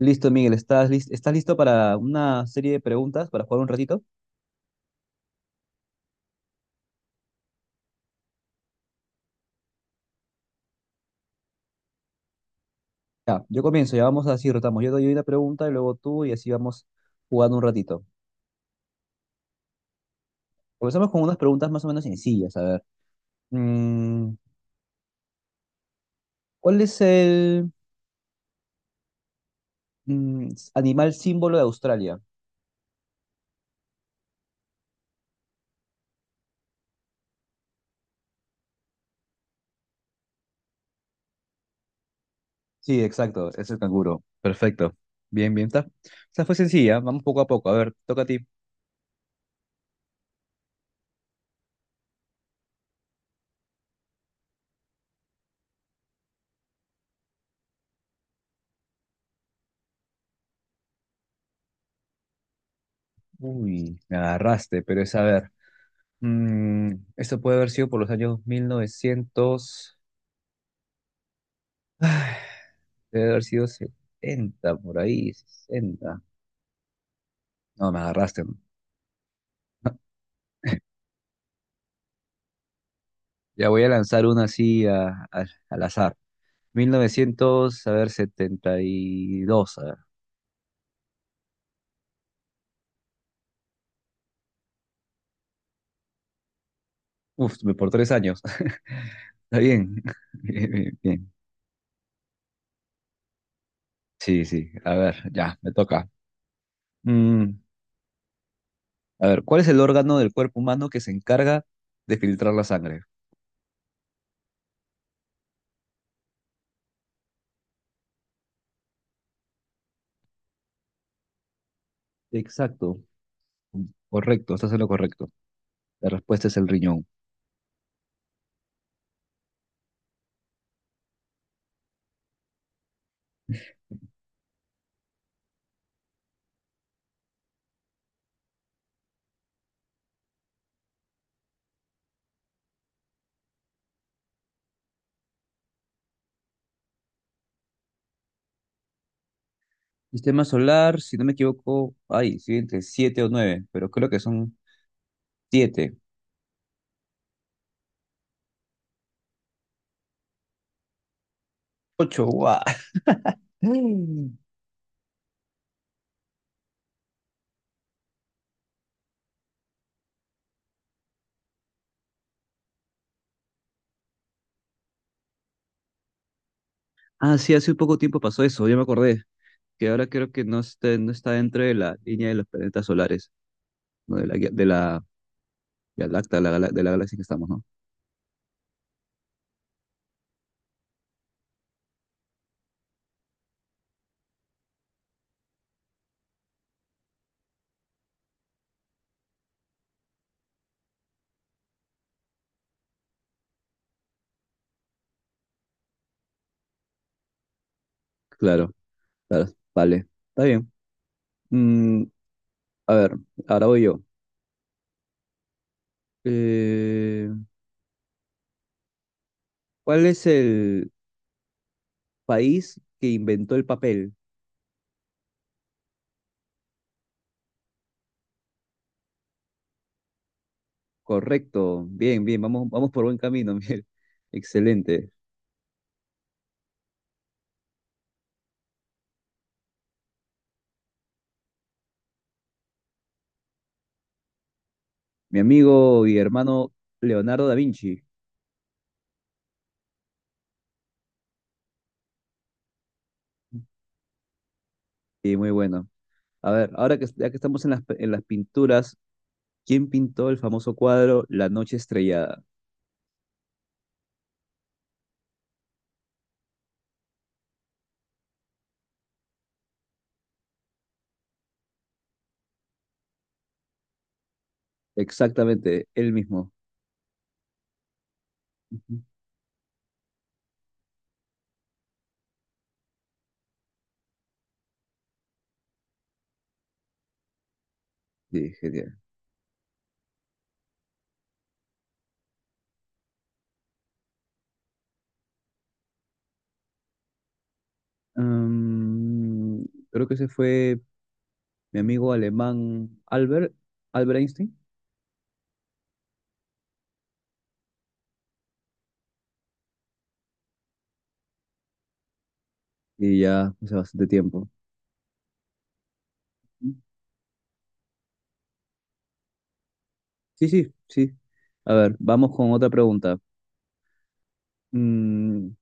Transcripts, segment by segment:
Listo, Miguel, ¿estás listo para una serie de preguntas para jugar un ratito? Ya, yo comienzo, ya vamos así, rotamos. Yo doy una pregunta y luego tú y así vamos jugando un ratito. Comenzamos con unas preguntas más o menos sencillas. A ver, mm, ¿cuál es el animal símbolo de Australia? Sí, exacto, es el canguro. Perfecto. Bien, bien, está. O fue sencilla, vamos poco a poco. A ver, toca a ti. Uy, me agarraste, pero es a ver. Esto puede haber sido por los años 1900. Debe haber sido 70 por ahí, 60. No, me agarraste, ¿no? Ya voy a lanzar una así al azar. 1900 a ver, 72. A ver. Uf, por 3 años. Está bien. Bien, bien, bien. Sí, sí. A ver, ya, me toca. Mm, a ver, ¿cuál es el órgano del cuerpo humano que se encarga de filtrar la sangre? Exacto. Correcto, estás en lo correcto. La respuesta es el riñón. Sistema solar, si no me equivoco, ay, sí, entre siete o nueve, pero creo que son siete. Ocho, guau. Mm. Ah, sí, hace poco tiempo pasó eso, ya me acordé, que ahora creo que no está dentro de la línea de los planetas solares, ¿no? De la, de la Vía Láctea, la de la galaxia que estamos, ¿no? Claro, claro, vale, está bien. Mm, a ver, ahora voy yo. Eh, ¿cuál es el país que inventó el papel? Correcto, bien, bien, vamos, vamos por buen camino, Miguel. Excelente. Mi amigo y hermano Leonardo da Vinci. Sí, muy bueno. A ver, ahora que, ya que estamos en las, pinturas, ¿quién pintó el famoso cuadro La Noche Estrellada? Exactamente, él mismo. Ujú. Sí, genial. Mm, Creo que ese fue mi amigo alemán Albert Einstein. Y ya hace bastante tiempo. Sí, sí, sí. A ver, vamos con otra pregunta. Mm,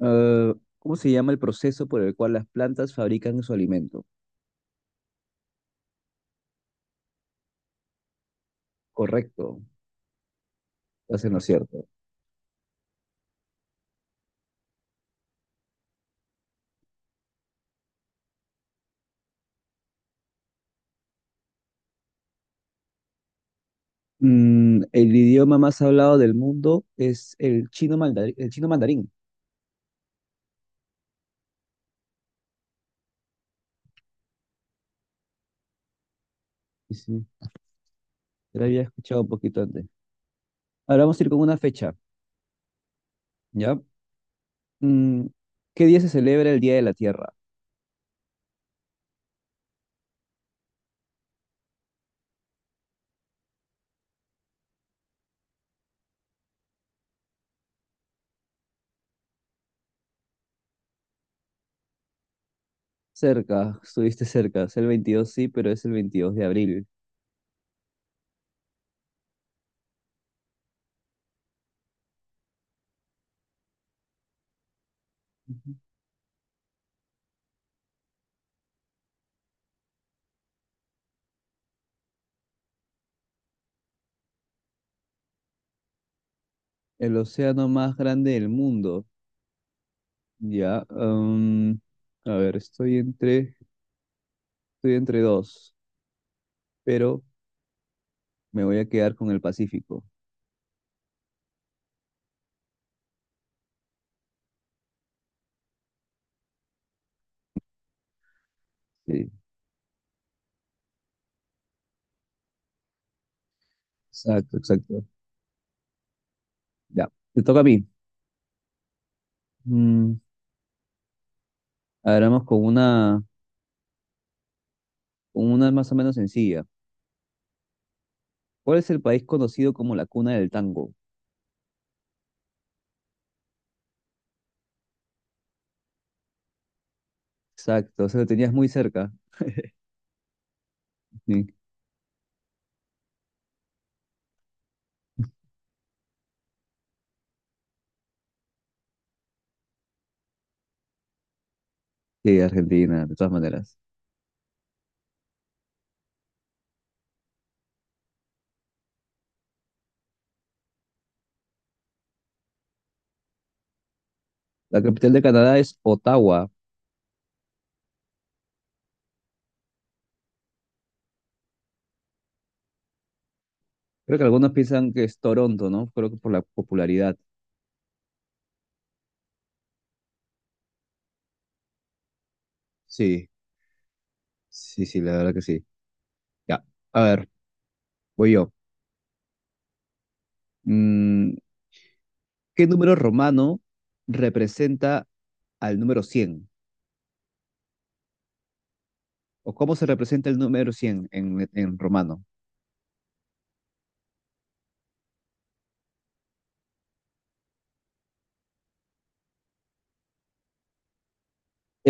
¿cómo se llama el proceso por el cual las plantas fabrican su alimento? Correcto, estás en lo cierto. El idioma más hablado del mundo es el chino mandarín, el chino mandarín. Sí, sí, ya lo había escuchado un poquito antes. Ahora vamos a ir con una fecha, ¿ya? Mm, ¿qué día se celebra el Día de la Tierra? Cerca, estuviste cerca, es el 22, sí, pero es el 22 de abril. Ujú. El océano más grande del mundo, ¿ya? A ver, estoy entre dos, pero me voy a quedar con el Pacífico. Sí, exacto, exacto. Ya, te toca a mí. Mm, a ver, vamos con una más o menos sencilla. ¿Cuál es el país conocido como la cuna del tango? Exacto, o sea, lo tenías muy cerca. Sí, sí, Argentina, de todas maneras. La capital de Canadá es Ottawa. Creo que algunos piensan que es Toronto, ¿no? Creo que por la popularidad. Sí, sí, sí, la verdad que sí. Ya, a ver, voy yo. Mm, ¿qué número romano representa al número 100? ¿O cómo se representa el número 100 en romano?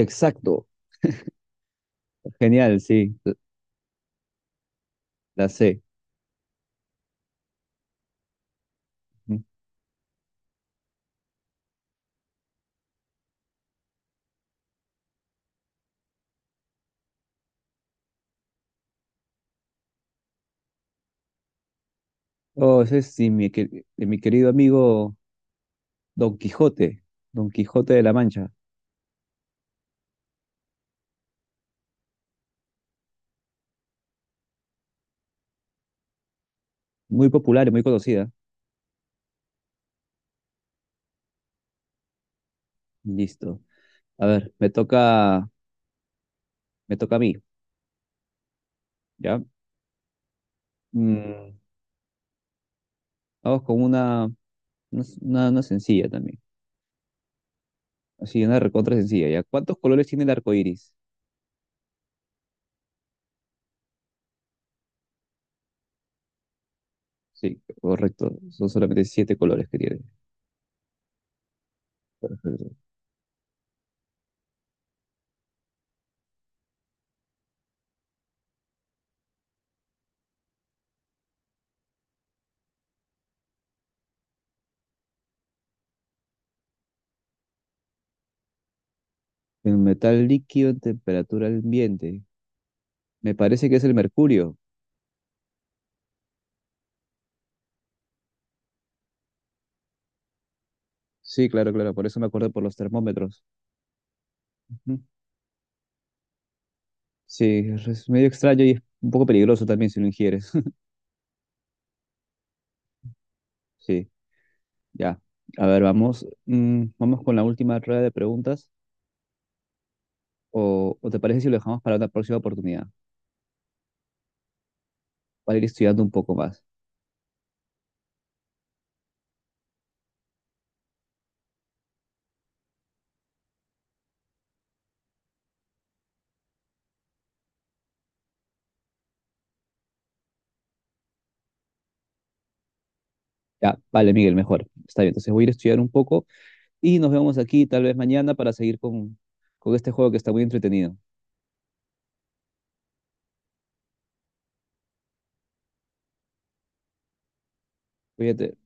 Exacto. Genial, sí, la sé. Oh, ese es de mi querido amigo Don Quijote, Don Quijote de la Mancha, muy popular y muy conocida. Listo. A ver, me toca a mí, ¿ya? Mm, vamos con una sencilla también, así, una recontra sencilla, ¿ya? ¿Cuántos colores tiene el arco iris? Sí, correcto, son solamente siete colores que tiene. Perfecto. El metal líquido en temperatura ambiente, me parece que es el mercurio. Sí, claro, claro, por eso me acuerdo por los termómetros. Ujú. Sí, es medio extraño y es un poco peligroso también si lo ingieres. Sí, ya. A ver, vamos, vamos con la última rueda de preguntas. O te parece si lo dejamos para una próxima oportunidad? Para ir estudiando un poco más. Ya, vale, Miguel, mejor. Está bien, entonces voy a ir a estudiar un poco y nos vemos aquí tal vez mañana para seguir con este juego que está muy entretenido. Cuídate.